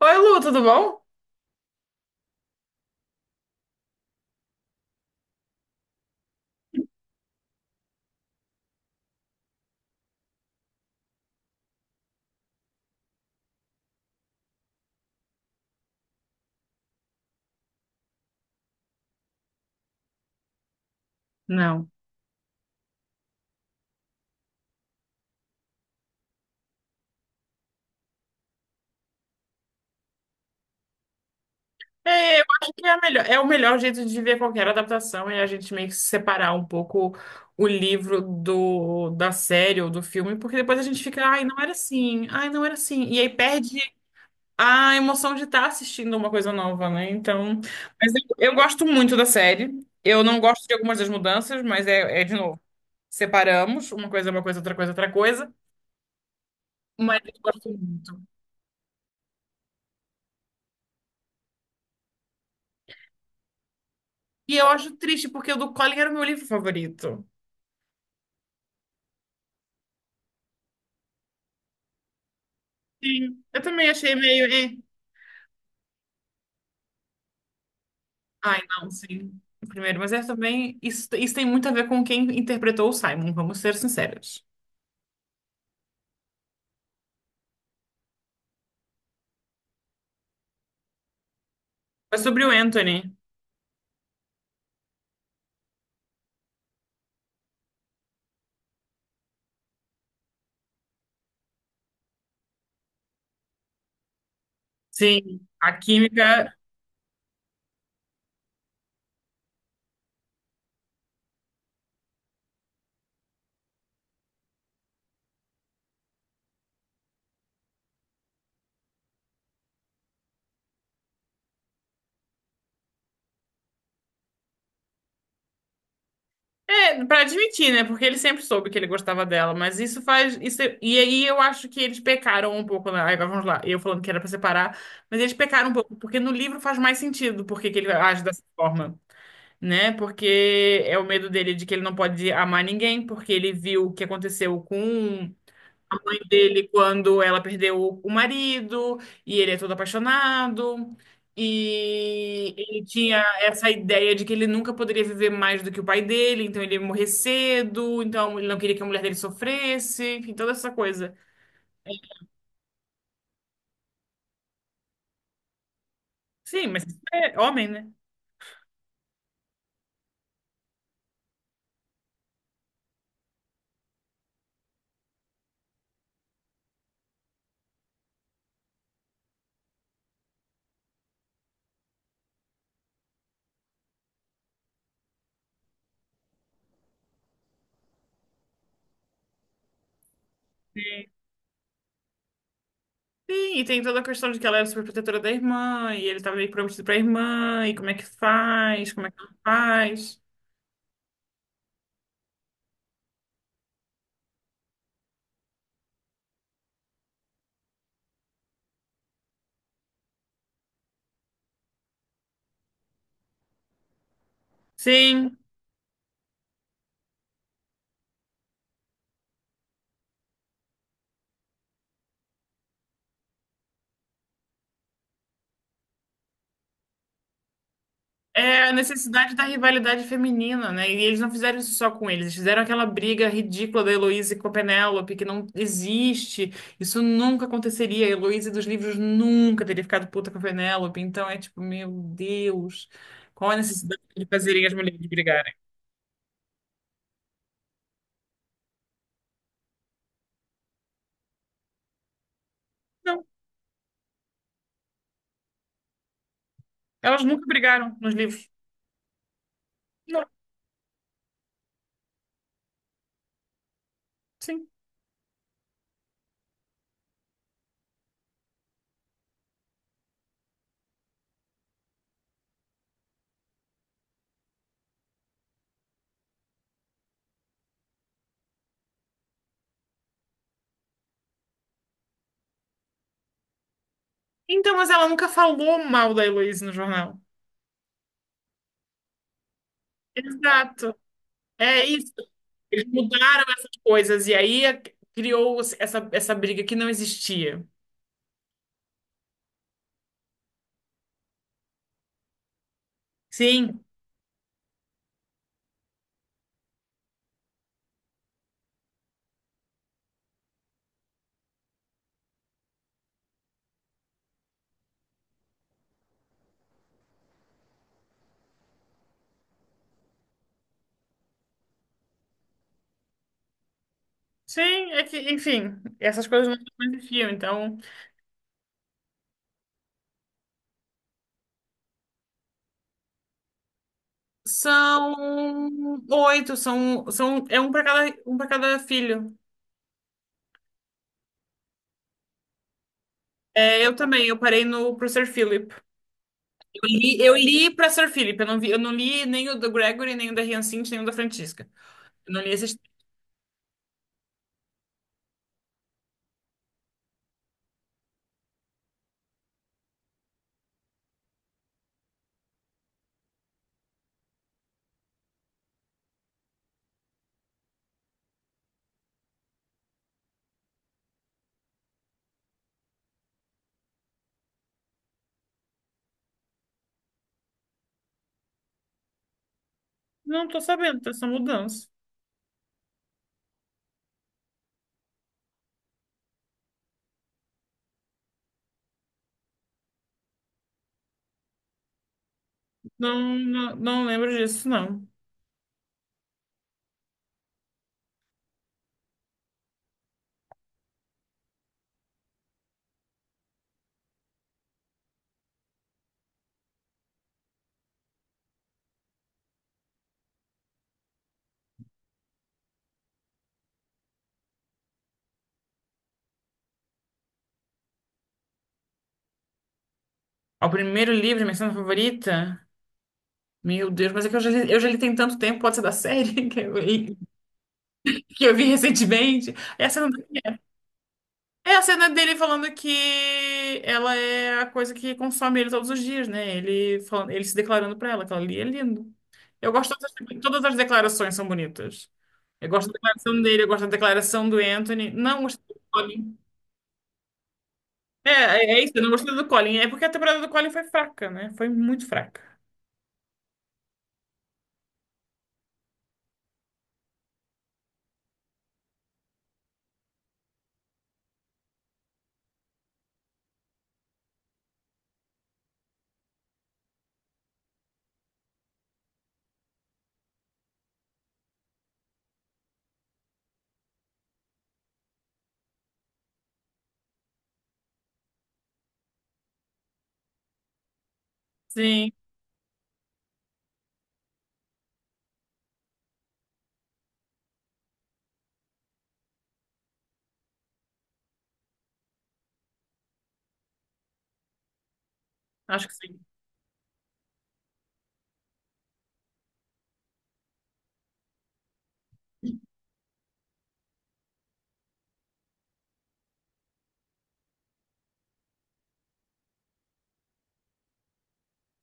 Oi, Lu, tudo bom? Não. É, eu acho que é o melhor jeito de ver qualquer adaptação é a gente meio que separar um pouco o livro da série ou do filme, porque depois a gente fica, ai, não era assim, ai, não era assim. E aí perde a emoção de estar assistindo uma coisa nova, né? Então, mas eu gosto muito da série. Eu não gosto de algumas das mudanças, mas é de novo, separamos, uma coisa é uma coisa, outra coisa é outra coisa, mas eu gosto muito. E eu acho triste, porque o do Colin era o meu livro favorito. Sim, eu também achei meio. Eh. Ai, não, sim. O Primeiro, mas é também. Isso tem muito a ver com quem interpretou o Simon, vamos ser sinceros. Mas sobre o Anthony, sim, a química. É, pra admitir, né? Porque ele sempre soube que ele gostava dela, mas isso faz. Isso, e aí eu acho que eles pecaram um pouco, né? Agora vamos lá, eu falando que era pra separar, mas eles pecaram um pouco, porque no livro faz mais sentido porque que ele age dessa forma, né? Porque é o medo dele de que ele não pode amar ninguém, porque ele viu o que aconteceu com dele quando ela perdeu o marido, e ele é todo apaixonado, e ele tinha essa ideia de que ele nunca poderia viver mais do que o pai dele, então ele ia morrer cedo, então ele não queria que a mulher dele sofresse, enfim, toda essa coisa. Sim, mas isso é homem, né? Sim, e tem toda a questão de que ela era super protetora da irmã, e ele estava meio prometido pra irmã, e como é que faz, como é que ela faz. Sim. É a necessidade da rivalidade feminina, né? E eles não fizeram isso só com eles, eles fizeram aquela briga ridícula da Heloísa com a Penélope, que não existe. Isso nunca aconteceria. A Heloísa dos livros nunca teria ficado puta com a Penélope. Então é tipo, meu Deus, qual a necessidade de fazerem as mulheres brigarem? Não, elas nunca brigaram nos livros. Não, sim. Então, mas ela nunca falou mal da Heloísa no jornal. Exato. É isso. Eles mudaram essas coisas e aí criou essa, essa briga que não existia. Sim, sim, é que, enfim, essas coisas não existiam, então são oito, são, são é um para cada filho. É, eu também, eu parei no pro Sir Philip. Eu li para Sir Philip, eu não vi, eu não li nem o do Gregory, nem o da Hyacinth, nem o da Francisca. Eu não li esses. Não tô sabendo dessa mudança. Não, não, não lembro disso, não. Ao primeiro livro, minha cena favorita? Meu Deus, mas é que eu já li tem tanto tempo, pode ser da série que eu vi recentemente. É a cena dele falando que ela é a coisa que consome ele todos os dias, né? Ele, falando, ele se declarando pra ela, que ela ali é lindo. Eu gosto, todas as declarações são bonitas. Eu gosto da declaração dele, eu gosto da declaração do Anthony. Não gostei do Colin. É, é isso, eu não gostei do Colin. É porque a temporada do Colin foi fraca, né? Foi muito fraca. Sim, acho que sim.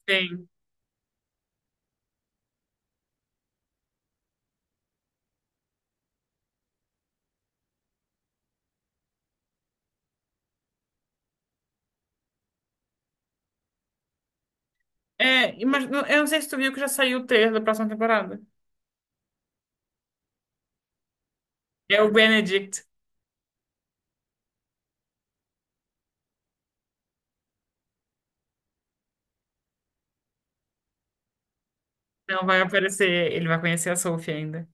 Sim. É, mas eu não sei se tu viu que já saiu o trailer da próxima temporada. É o Benedict. Não vai aparecer, ele vai conhecer a Sophie ainda.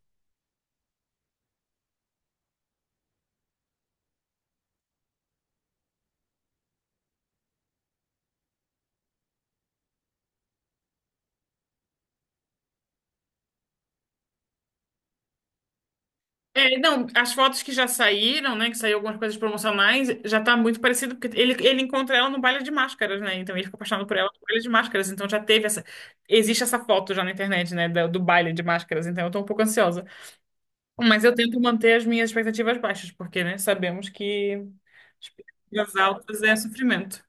É, não, as fotos que já saíram, né? Que saiu algumas coisas promocionais, já tá muito parecido, porque ele encontra ela no baile de máscaras, né? Então ele fica apaixonado por ela no baile de máscaras. Então já teve essa. Existe essa foto já na internet, né? Do baile de máscaras. Então eu tô um pouco ansiosa. Mas eu tento manter as minhas expectativas baixas, porque, né? Sabemos que expectativas altas é sofrimento.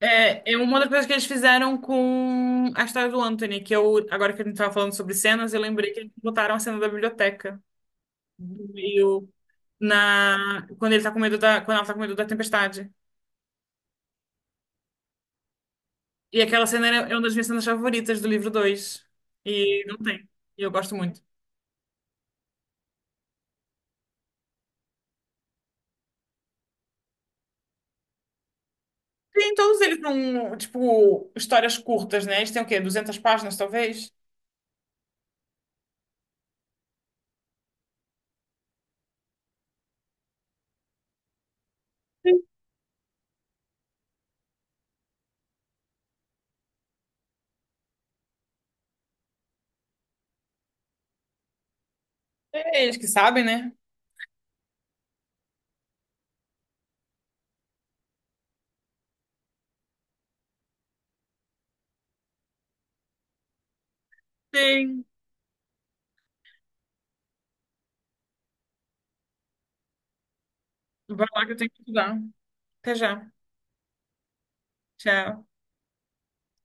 É, é uma das coisas que eles fizeram com a história do Anthony, que eu, agora que a gente tava falando sobre cenas, eu lembrei que eles botaram a cena da biblioteca do meio na, quando ele tá com medo da, quando ela tá com medo da tempestade. E aquela cena é uma das minhas cenas favoritas do livro 2. E não tem. E eu gosto muito. Tem todos eles são, tipo, histórias curtas, né? Eles têm o quê? 200 páginas, talvez? É eles que sabem, né? Tem. Vai lá que eu tenho que estudar. Até já. Tchau.